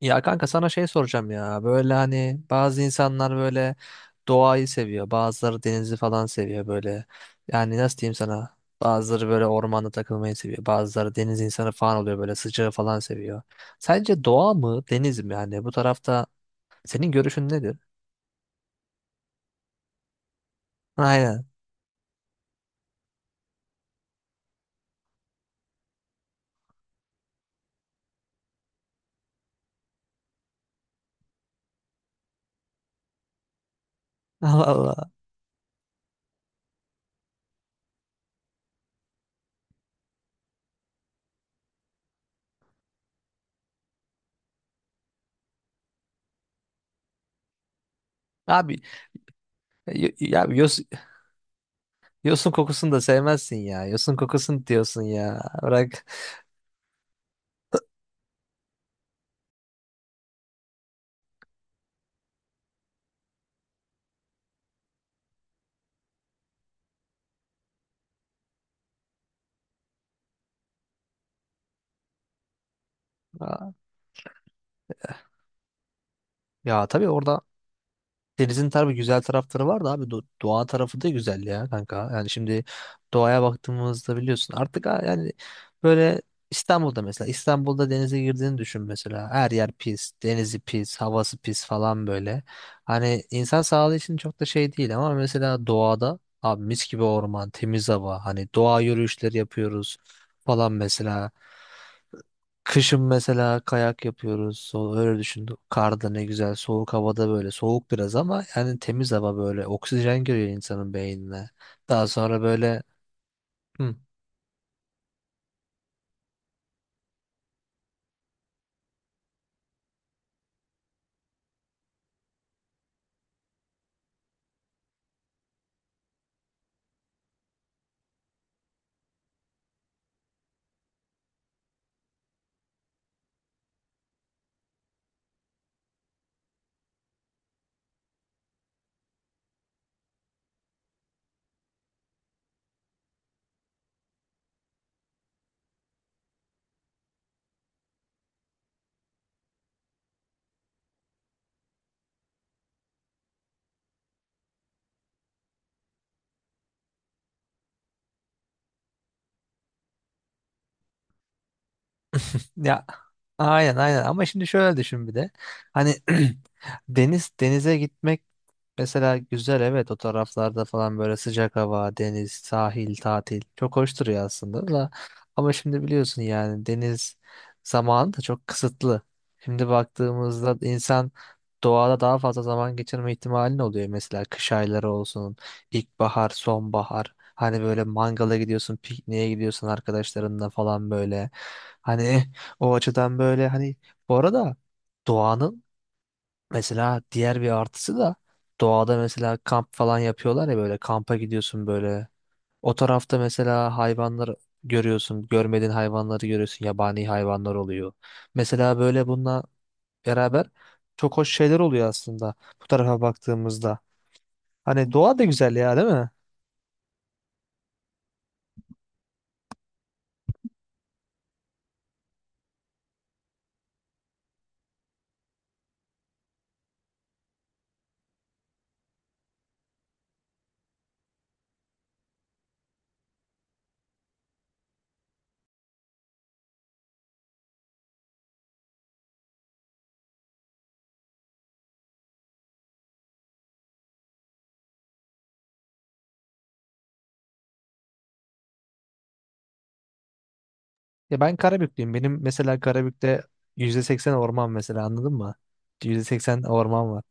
Ya kanka sana şey soracağım ya. Böyle hani bazı insanlar böyle doğayı seviyor. Bazıları denizi falan seviyor böyle. Yani nasıl diyeyim sana? Bazıları böyle ormanda takılmayı seviyor. Bazıları deniz insanı falan oluyor böyle sıcağı falan seviyor. Sence doğa mı deniz mi yani? Bu tarafta senin görüşün nedir? Aynen. Allah Allah. Abi ya yosun kokusunu da sevmezsin ya. Yosun kokusunu diyorsun ya. Bırak. Ya tabii orada denizin tabii güzel tarafları var da abi doğa tarafı da güzel ya kanka. Yani şimdi doğaya baktığımızda biliyorsun artık yani böyle İstanbul'da mesela İstanbul'da denize girdiğini düşün mesela. Her yer pis, denizi pis, havası pis falan böyle. Hani insan sağlığı için çok da şey değil ama mesela doğada abi mis gibi orman, temiz hava, hani doğa yürüyüşleri yapıyoruz falan mesela. Kışın mesela kayak yapıyoruz. Öyle düşün. Karda ne güzel. Soğuk havada böyle. Soğuk biraz ama yani temiz hava böyle. Oksijen giriyor insanın beynine. Daha sonra böyle hı, Ya aynen aynen ama şimdi şöyle düşün bir de. Hani denize gitmek mesela güzel, evet, o taraflarda falan böyle sıcak hava, deniz, sahil, tatil çok hoş duruyor aslında da ama şimdi biliyorsun yani deniz zamanı da çok kısıtlı. Şimdi baktığımızda insan doğada daha fazla zaman geçirme ihtimalin oluyor, mesela kış ayları olsun, ilkbahar, sonbahar. Hani böyle mangala gidiyorsun, pikniğe gidiyorsun arkadaşlarınla falan böyle. Hani o açıdan böyle hani, bu arada, doğanın mesela diğer bir artısı da doğada mesela kamp falan yapıyorlar ya, böyle kampa gidiyorsun böyle. O tarafta mesela hayvanlar görüyorsun, görmediğin hayvanları görüyorsun, yabani hayvanlar oluyor. Mesela böyle bununla beraber çok hoş şeyler oluyor aslında bu tarafa baktığımızda. Hani doğa da güzel ya, değil mi? Ya ben Karabüklüyüm. Benim mesela Karabük'te %80 orman mesela, anladın mı? %80 orman var.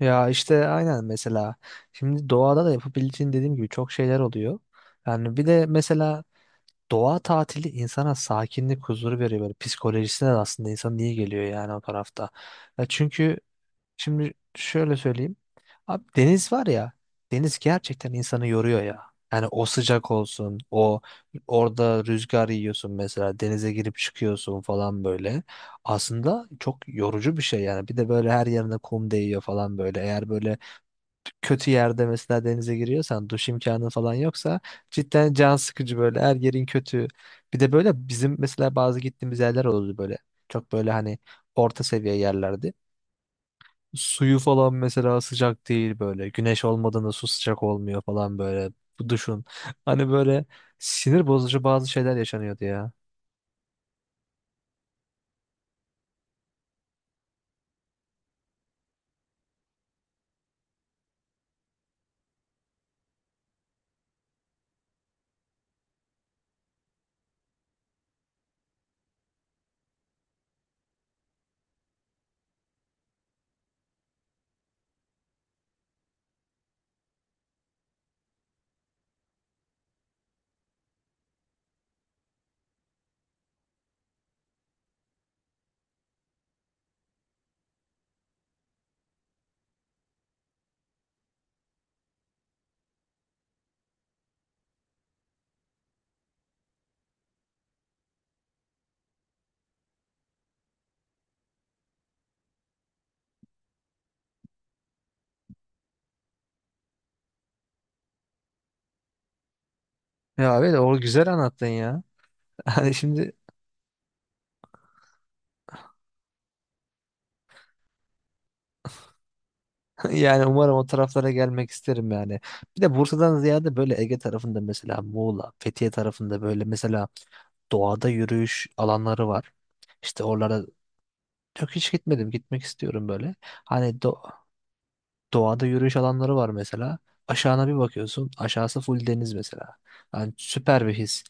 Ya işte aynen, mesela şimdi doğada da yapabileceğin dediğim gibi çok şeyler oluyor. Yani bir de mesela doğa tatili insana sakinlik, huzur veriyor, böyle psikolojisine de aslında insan iyi geliyor yani o tarafta. Ya çünkü şimdi şöyle söyleyeyim. Abi deniz var ya, deniz gerçekten insanı yoruyor ya. Yani o sıcak olsun, o orada rüzgar yiyorsun, mesela denize girip çıkıyorsun falan böyle. Aslında çok yorucu bir şey yani. Bir de böyle her yerine kum değiyor falan böyle. Eğer böyle kötü yerde mesela denize giriyorsan, duş imkanı falan yoksa cidden can sıkıcı, böyle her yerin kötü. Bir de böyle bizim mesela bazı gittiğimiz yerler oldu böyle. Çok böyle hani orta seviye yerlerdi. Suyu falan mesela sıcak değil böyle. Güneş olmadığında su sıcak olmuyor falan böyle. Bu duşun. Hani böyle sinir bozucu bazı şeyler yaşanıyordu ya. Ya evet, o güzel anlattın ya. Hani şimdi, yani umarım o taraflara gelmek isterim yani. Bir de Bursa'dan ziyade böyle Ege tarafında mesela Muğla, Fethiye tarafında böyle mesela doğada yürüyüş alanları var. İşte oralara, yok, hiç gitmedim. Gitmek istiyorum böyle. Hani doğada yürüyüş alanları var mesela. Aşağına bir bakıyorsun. Aşağısı full deniz mesela. Yani süper bir his.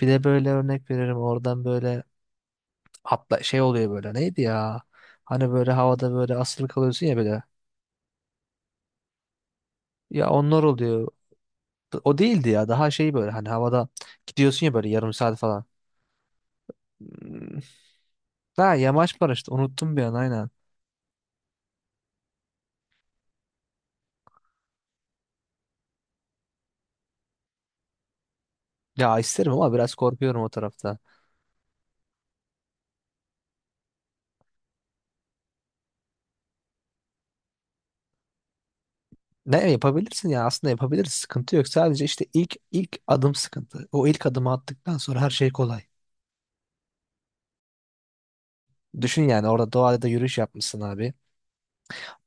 Bir de böyle örnek veririm, oradan böyle atla şey oluyor böyle. Neydi ya? Hani böyle havada böyle asılı kalıyorsun ya böyle. Ya onlar oluyor. O değildi ya. Daha şey böyle hani havada gidiyorsun ya böyle, yarım saat falan. Hmm. Ha, yamaç paraşütü. Unuttum bir an, aynen. Ya isterim ama biraz korkuyorum o tarafta. Ne yapabilirsin ya, aslında yapabiliriz. Sıkıntı yok. Sadece işte ilk adım sıkıntı. O ilk adımı attıktan sonra her şey kolay. Düşün yani, orada doğada da yürüyüş yapmışsın abi.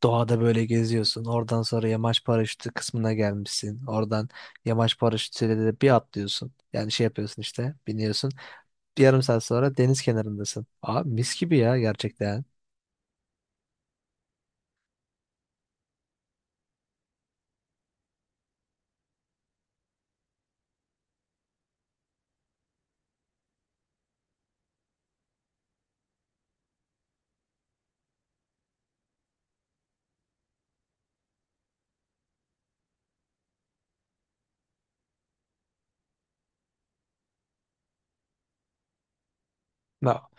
Doğada böyle geziyorsun. Oradan sonra yamaç paraşütü kısmına gelmişsin. Oradan yamaç paraşütüyle de bir atlıyorsun. Yani şey yapıyorsun işte, biniyorsun. Bir yarım saat sonra deniz kenarındasın. Aa, mis gibi ya, gerçekten. No.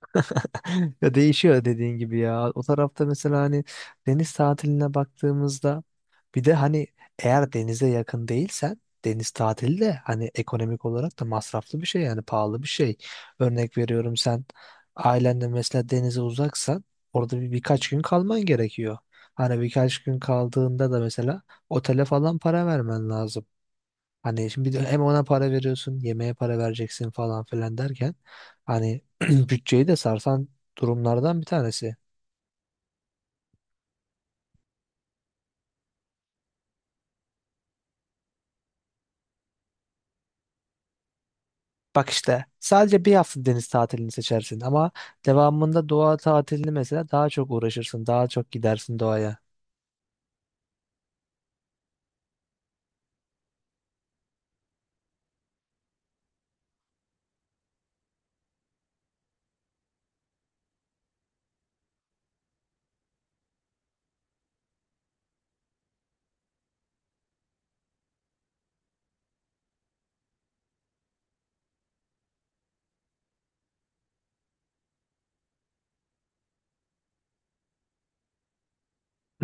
Ya değişiyor dediğin gibi ya. O tarafta mesela hani deniz tatiline baktığımızda, bir de hani eğer denize yakın değilsen deniz tatili de hani ekonomik olarak da masraflı bir şey, yani pahalı bir şey. Örnek veriyorum, sen ailenle mesela denize uzaksan orada birkaç gün kalman gerekiyor. Hani birkaç gün kaldığında da mesela otele falan para vermen lazım. Hani şimdi bir de hem ona para veriyorsun, yemeğe para vereceksin falan filan derken, hani bütçeyi de sarsan durumlardan bir tanesi. Bak işte sadece bir hafta deniz tatilini seçersin ama devamında doğa tatilini mesela daha çok uğraşırsın, daha çok gidersin doğaya.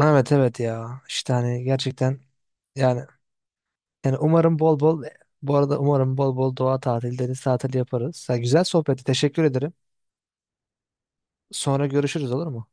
Evet evet, ya işte hani gerçekten, yani umarım bol bol bu arada umarım bol bol doğa tatili, deniz tatili yaparız. Ya, güzel sohbeti teşekkür ederim. Sonra görüşürüz, olur mu?